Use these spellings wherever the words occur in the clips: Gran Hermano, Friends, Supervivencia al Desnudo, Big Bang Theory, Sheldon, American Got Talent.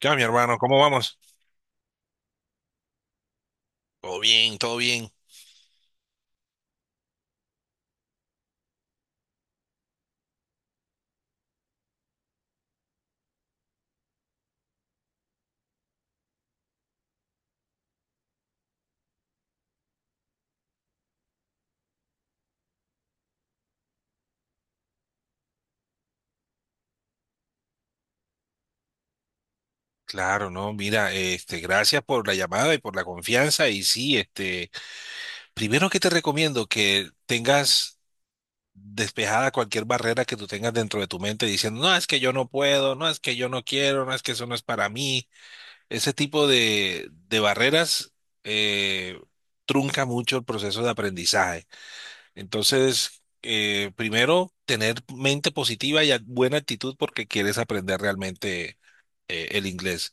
Ya, mi hermano, ¿cómo vamos? Todo bien, todo bien. Claro, no, mira, gracias por la llamada y por la confianza. Y sí, primero que te recomiendo que tengas despejada cualquier barrera que tú tengas dentro de tu mente diciendo, no, es que yo no puedo, no, es que yo no quiero, no, es que eso no es para mí. Ese tipo de barreras eh, trunca mucho el proceso de aprendizaje. Entonces, primero, tener mente positiva y buena actitud porque quieres aprender realmente el inglés.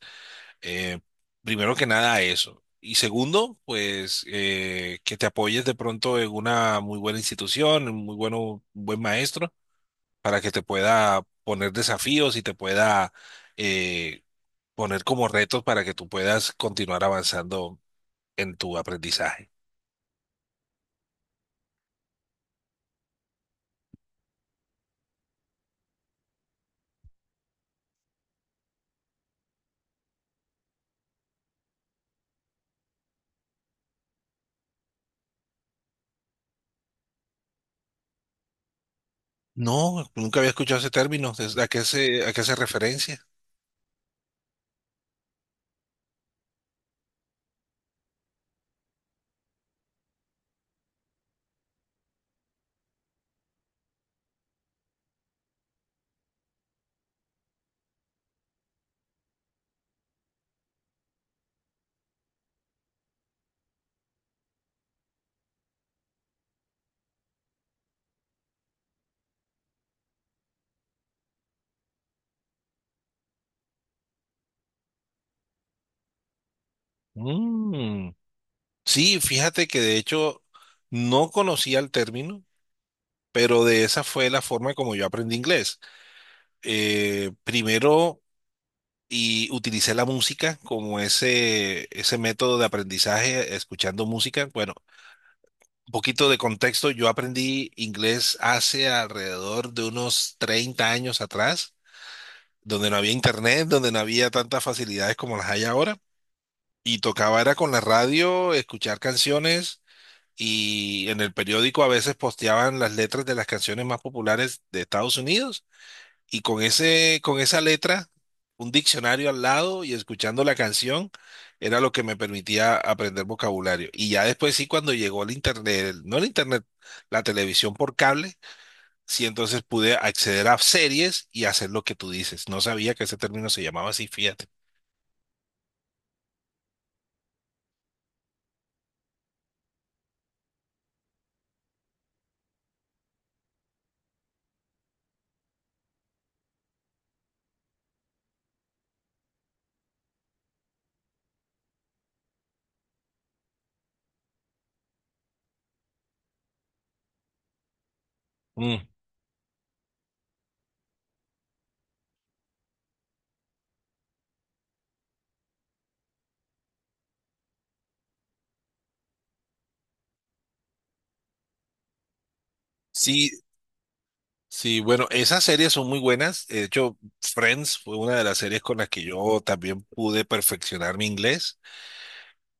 Eh, Primero que nada, eso. Y segundo, pues que te apoyes de pronto en una muy buena institución, un buen maestro, para que te pueda poner desafíos y te pueda eh, poner como retos para que tú puedas continuar avanzando en tu aprendizaje. No, nunca había escuchado ese término. ¿A qué hace referencia? Mm. Sí, fíjate que de hecho no conocía el término, pero de esa fue la forma como yo aprendí inglés. Primero, y utilicé la música como ese método de aprendizaje, escuchando música. Bueno, un poquito de contexto, yo aprendí inglés hace alrededor de unos 30 años atrás, donde no había internet, donde no había tantas facilidades como las hay ahora, y tocaba era con la radio, escuchar canciones y en el periódico a veces posteaban las letras de las canciones más populares de Estados Unidos y con con esa letra, un diccionario al lado y escuchando la canción era lo que me permitía aprender vocabulario. Y ya después sí, cuando llegó el internet, no el internet, la televisión por cable, sí entonces pude acceder a series y hacer lo que tú dices. No sabía que ese término se llamaba así, fíjate. Mm. Sí, sí, bueno, esas series son muy buenas. De hecho, Friends fue una de las series con las que yo también pude perfeccionar mi inglés.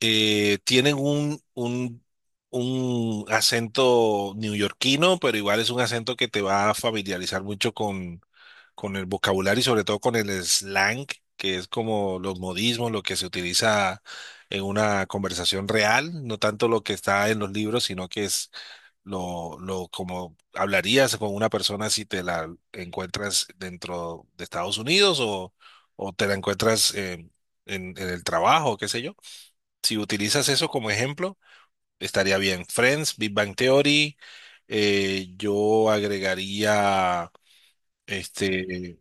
Tienen un acento neoyorquino, pero igual es un acento que te va a familiarizar mucho con el vocabulario y sobre todo con el slang, que es como los modismos, lo que se utiliza en una conversación real, no tanto lo que está en los libros, sino que es como hablarías con una persona si te la encuentras dentro de Estados Unidos o te la encuentras en, en el trabajo, qué sé yo. Si utilizas eso como ejemplo, estaría bien. Friends, Big Bang Theory, yo agregaría este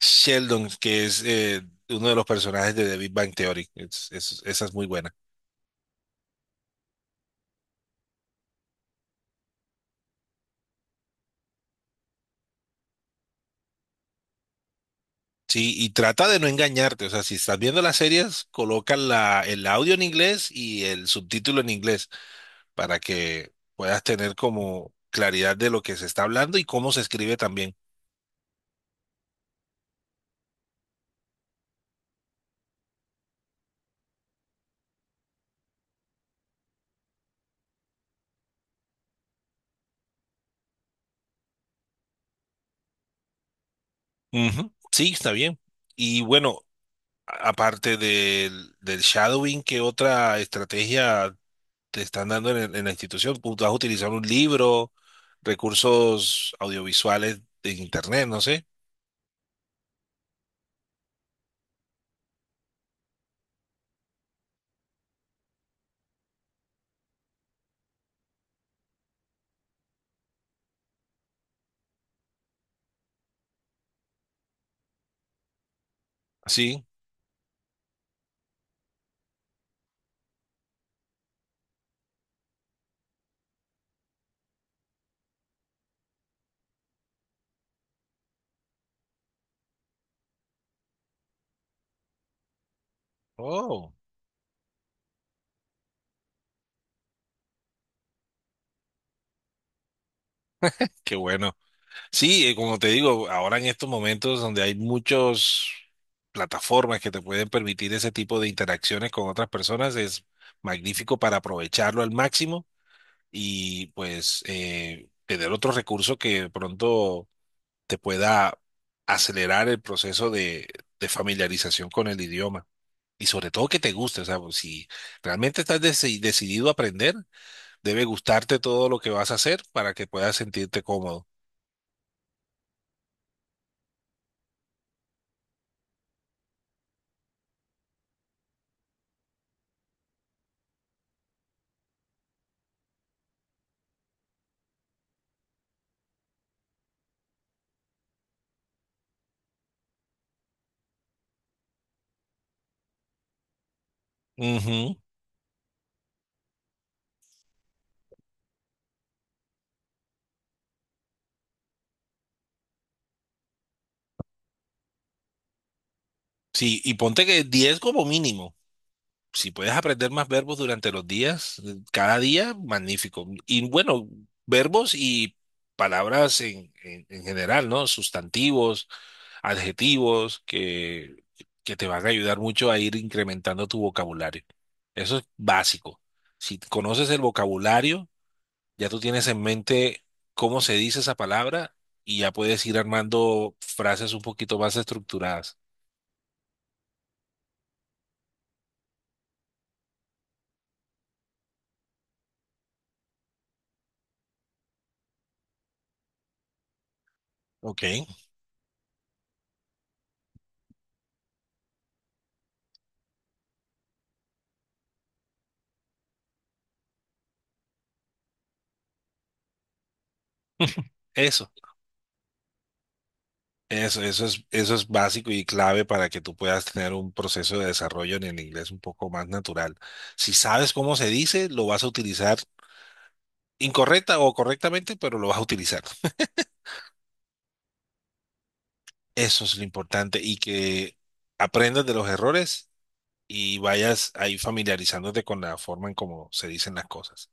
Sheldon, que es uno de los personajes de The Big Bang Theory. Esa es muy buena. Sí, y trata de no engañarte. O sea, si estás viendo las series, coloca el audio en inglés y el subtítulo en inglés para que puedas tener como claridad de lo que se está hablando y cómo se escribe también. Ujú, sí, está bien. Y bueno, aparte del shadowing, ¿qué otra estrategia te están dando en, en la institución? ¿Tú vas a utilizar un libro, recursos audiovisuales de internet, no sé? Sí. Oh, qué bueno. Sí, como te digo, ahora en estos momentos donde hay muchas plataformas que te pueden permitir ese tipo de interacciones con otras personas, es magnífico para aprovecharlo al máximo y pues tener otro recurso que de pronto te pueda acelerar el proceso de familiarización con el idioma. Y sobre todo que te guste, o sea, pues, si realmente estás decidido a aprender, debe gustarte todo lo que vas a hacer para que puedas sentirte cómodo. Ujú. Sí, y ponte que 10 como mínimo. Si puedes aprender más verbos durante los días, cada día, magnífico. Y bueno, verbos y palabras en, en general, ¿no? Sustantivos, adjetivos, que te van a ayudar mucho a ir incrementando tu vocabulario. Eso es básico. Si conoces el vocabulario, ya tú tienes en mente cómo se dice esa palabra y ya puedes ir armando frases un poquito más estructuradas. Ok. Eso. Eso es básico y clave para que tú puedas tener un proceso de desarrollo en el inglés un poco más natural. Si sabes cómo se dice, lo vas a utilizar incorrecta o correctamente, pero lo vas a utilizar. Eso es lo importante y que aprendas de los errores y vayas ahí familiarizándote con la forma en cómo se dicen las cosas.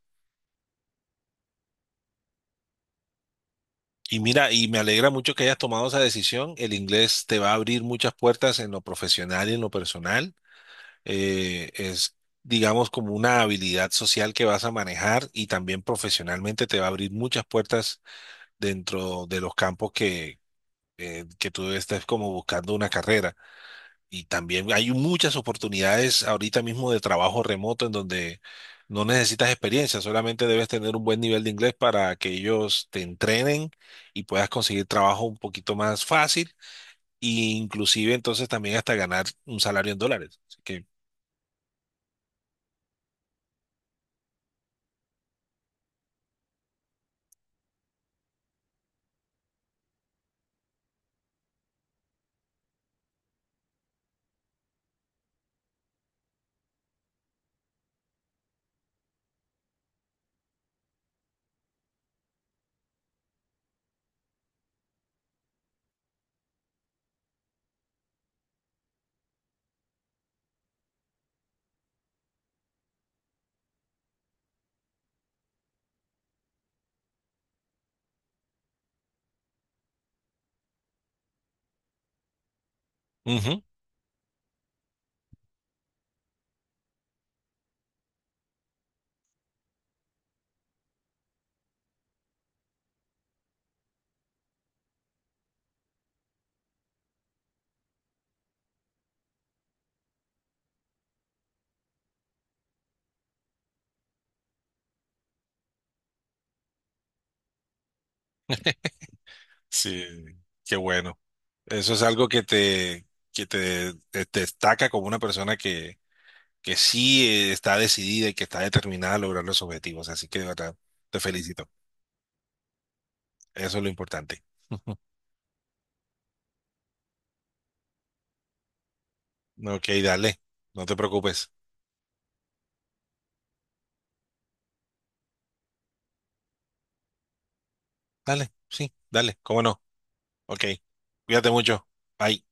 Y mira, y me alegra mucho que hayas tomado esa decisión. El inglés te va a abrir muchas puertas en lo profesional y en lo personal, eh, es, digamos, como una habilidad social que vas a manejar y también profesionalmente te va a abrir muchas puertas dentro de los campos que tú estés como buscando una carrera. Y también hay muchas oportunidades ahorita mismo de trabajo remoto en donde no necesitas experiencia, solamente debes tener un buen nivel de inglés para que ellos te entrenen y puedas conseguir trabajo un poquito más fácil. E inclusive entonces también hasta ganar un salario en dólares. Así que, ujú. Sí, qué bueno. Eso es algo que te, te destaca como una persona que sí está decidida y que está determinada a lograr los objetivos. Así que de verdad, te felicito. Eso es lo importante. Ok, dale. No te preocupes. Dale, sí, dale. ¿Cómo no? Ok. Cuídate mucho. Bye.